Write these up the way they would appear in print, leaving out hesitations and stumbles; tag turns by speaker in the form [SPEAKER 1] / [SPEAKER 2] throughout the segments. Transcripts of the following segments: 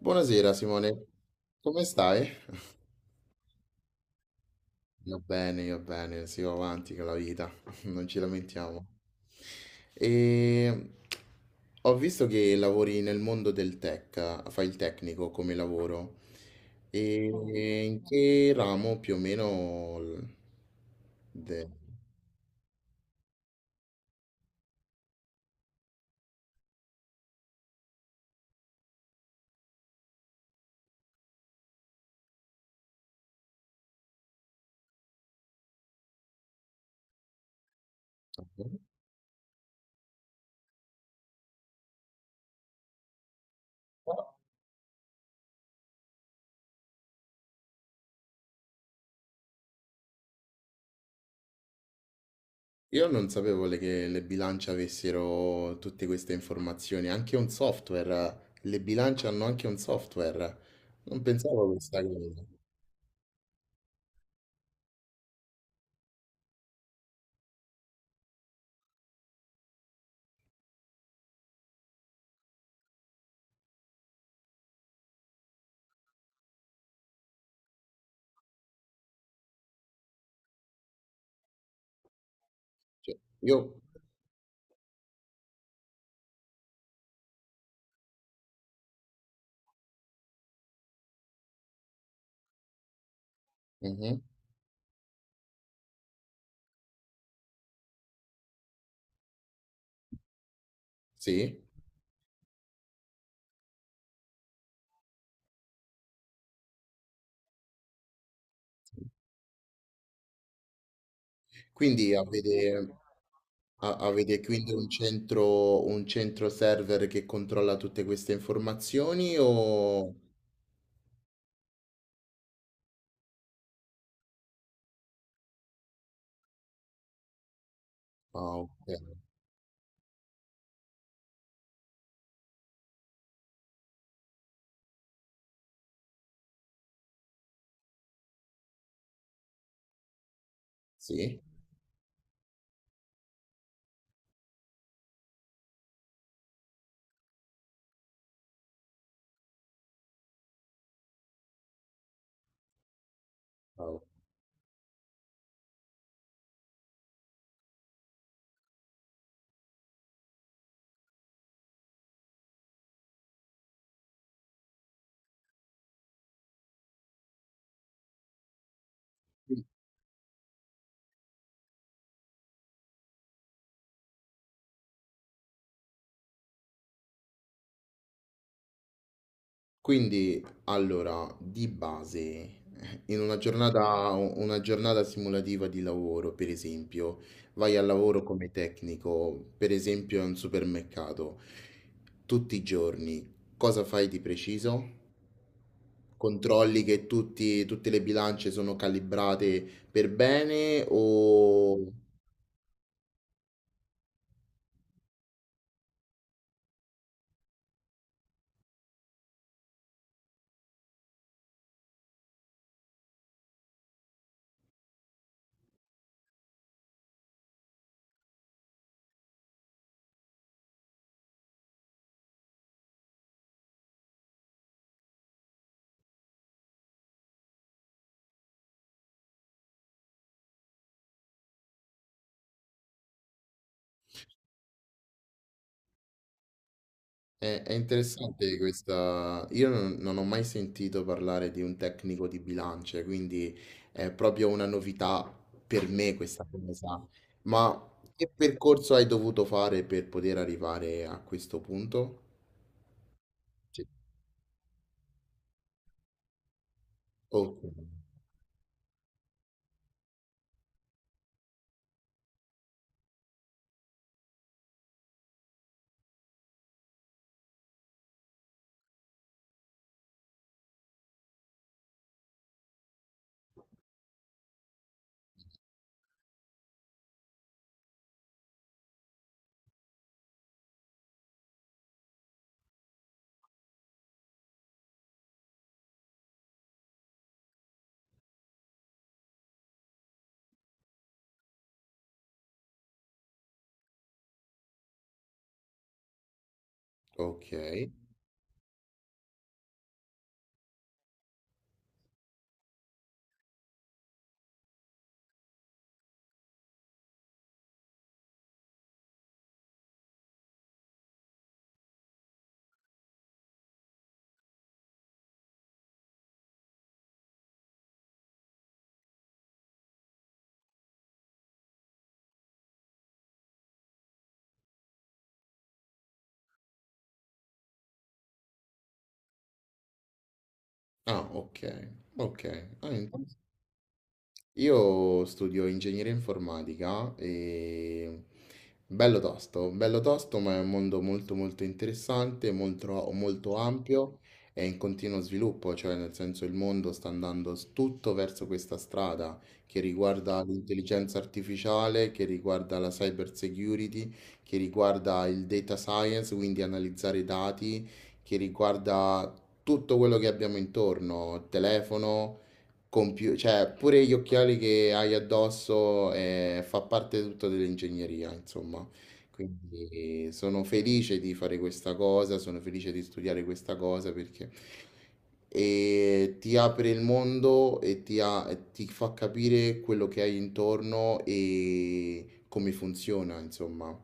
[SPEAKER 1] Buonasera Simone, come stai? Io bene, si va avanti con la vita, non ci lamentiamo. E Ho visto che lavori nel mondo del tech, fai il tecnico come lavoro. E in che ramo più o meno? De- Io non sapevo che le bilance avessero tutte queste informazioni, anche un software, le bilance hanno anche un software, non pensavo a questa cosa. Io, mhm, sì, quindi avete, avete quindi un centro server che controlla tutte queste informazioni o... Ah, ok, sì, ah, quindi, allora, di base, in una giornata simulativa di lavoro, per esempio, vai al lavoro come tecnico, per esempio, in un supermercato, tutti i giorni, cosa fai di preciso? Controlli che tutte le bilance sono calibrate per bene o... È, è interessante questa. Io non, non ho mai sentito parlare di un tecnico di bilance, quindi è proprio una novità per me questa cosa. Ma che percorso hai dovuto fare per poter arrivare a questo punto? Sì. Ok, ok. Ah, ok, ok. Ah, interessante. Io studio ingegneria informatica e bello tosto, ma è un mondo molto molto interessante, molto, molto ampio e in continuo sviluppo, cioè nel senso il mondo sta andando tutto verso questa strada che riguarda l'intelligenza artificiale, che riguarda la cyber security, che riguarda il data science, quindi analizzare i dati, che riguarda tutto quello che abbiamo intorno, telefono cioè pure gli occhiali che hai addosso fa parte tutto dell'ingegneria, insomma. Quindi sono felice di fare questa cosa, sono felice di studiare questa cosa perché ti apre il mondo e ti, e ti fa capire quello che hai intorno e come funziona, insomma.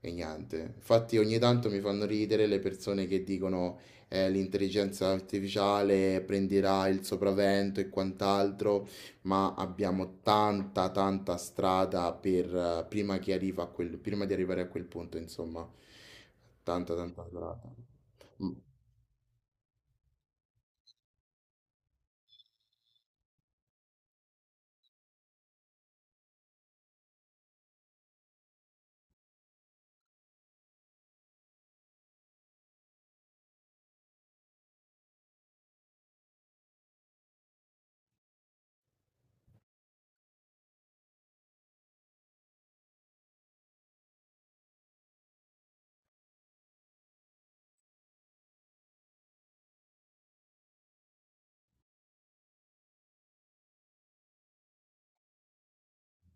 [SPEAKER 1] E niente. Infatti ogni tanto mi fanno ridere le persone che dicono l'intelligenza artificiale prenderà il sopravvento e quant'altro, ma abbiamo tanta, tanta strada per, prima che arriva a quel, prima di arrivare a quel punto, insomma. Tanta, tanta strada. Mm,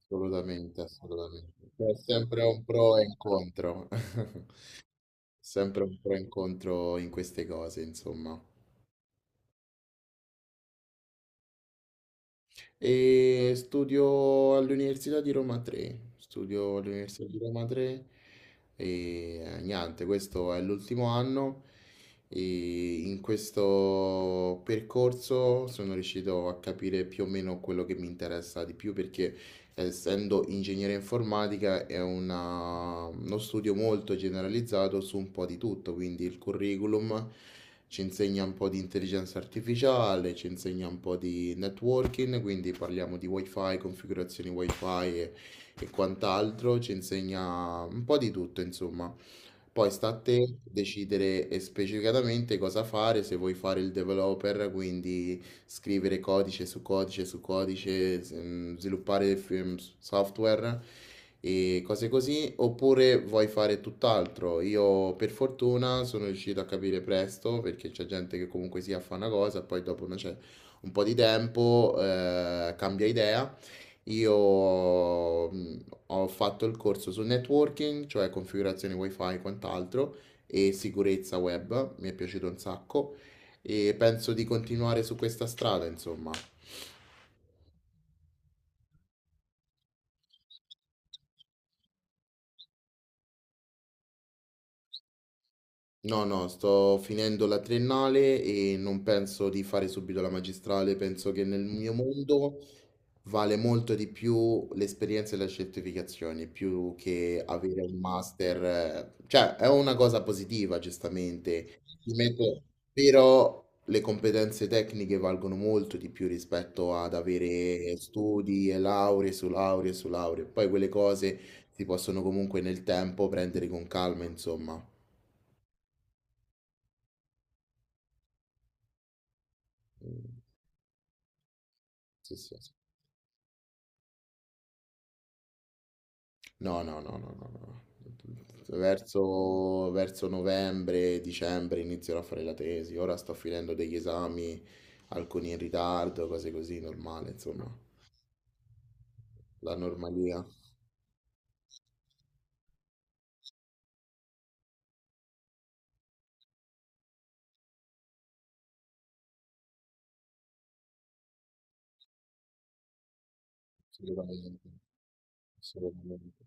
[SPEAKER 1] assolutamente, assolutamente. C'è sempre un pro e un contro. Sempre un pro e un contro in queste cose, insomma. E studio all'Università di Roma 3, studio all'Università di Roma 3 e niente, questo è l'ultimo anno e in questo percorso sono riuscito a capire più o meno quello che mi interessa di più perché essendo ingegneria informatica è uno studio molto generalizzato su un po' di tutto, quindi il curriculum ci insegna un po' di intelligenza artificiale, ci insegna un po' di networking, quindi parliamo di wifi, configurazioni wifi e quant'altro, ci insegna un po' di tutto, insomma. Poi sta a te decidere specificatamente cosa fare, se vuoi fare il developer, quindi scrivere codice su codice su codice, sviluppare software e cose così, oppure vuoi fare tutt'altro. Io per fortuna sono riuscito a capire presto perché c'è gente che comunque sia fa una cosa, poi dopo non c'è un po' di tempo, cambia idea. Io ho fatto il corso su networking, cioè configurazione wifi e quant'altro, e sicurezza web, mi è piaciuto un sacco e penso di continuare su questa strada, insomma. No, no, sto finendo la triennale e non penso di fare subito la magistrale, penso che nel mio mondo vale molto di più l'esperienza e le certificazioni, più che avere un master, cioè è una cosa positiva, giustamente, però le competenze tecniche valgono molto di più rispetto ad avere studi e lauree su lauree su lauree, poi quelle cose si possono comunque nel tempo prendere con calma, insomma. Sì, sì, sì. No, no, no, no, no, no. Verso, verso novembre, dicembre inizierò a fare la tesi. Ora sto finendo degli esami, alcuni in ritardo, cose così, normale, insomma, la normalia. Assolutamente, assolutamente.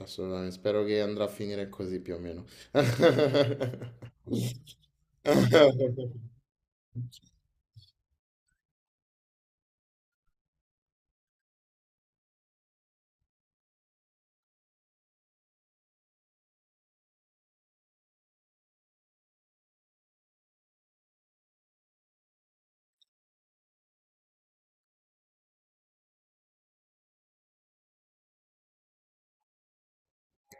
[SPEAKER 1] Assolutamente. Spero che andrà a finire così più o meno.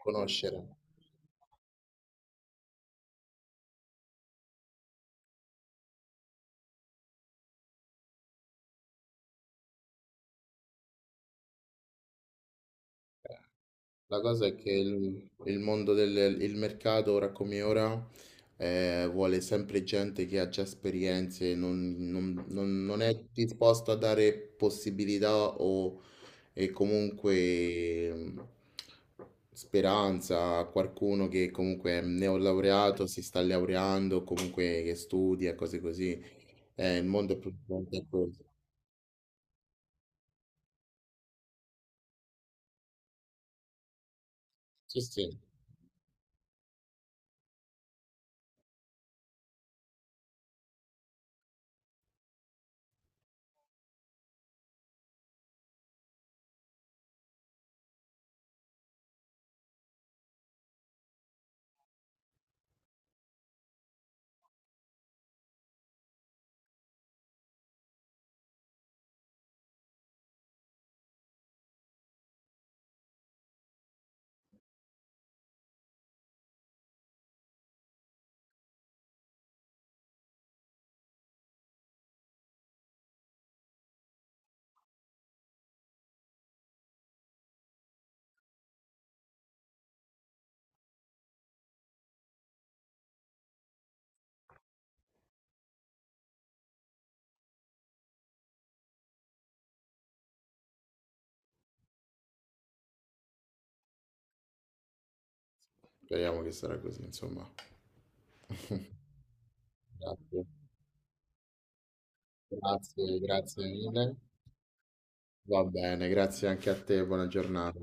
[SPEAKER 1] Conoscere. La cosa è che il mondo del il mercato, ora come ora, vuole sempre gente che ha già esperienze, non, non è disposto a dare possibilità o e comunque speranza a qualcuno che comunque è neolaureato, si sta laureando, comunque che studia, cose così. Il mondo è più grande di questo. Sì, sì. Speriamo che sarà così, insomma. Grazie. Grazie, grazie mille. Va bene, grazie anche a te, buona giornata.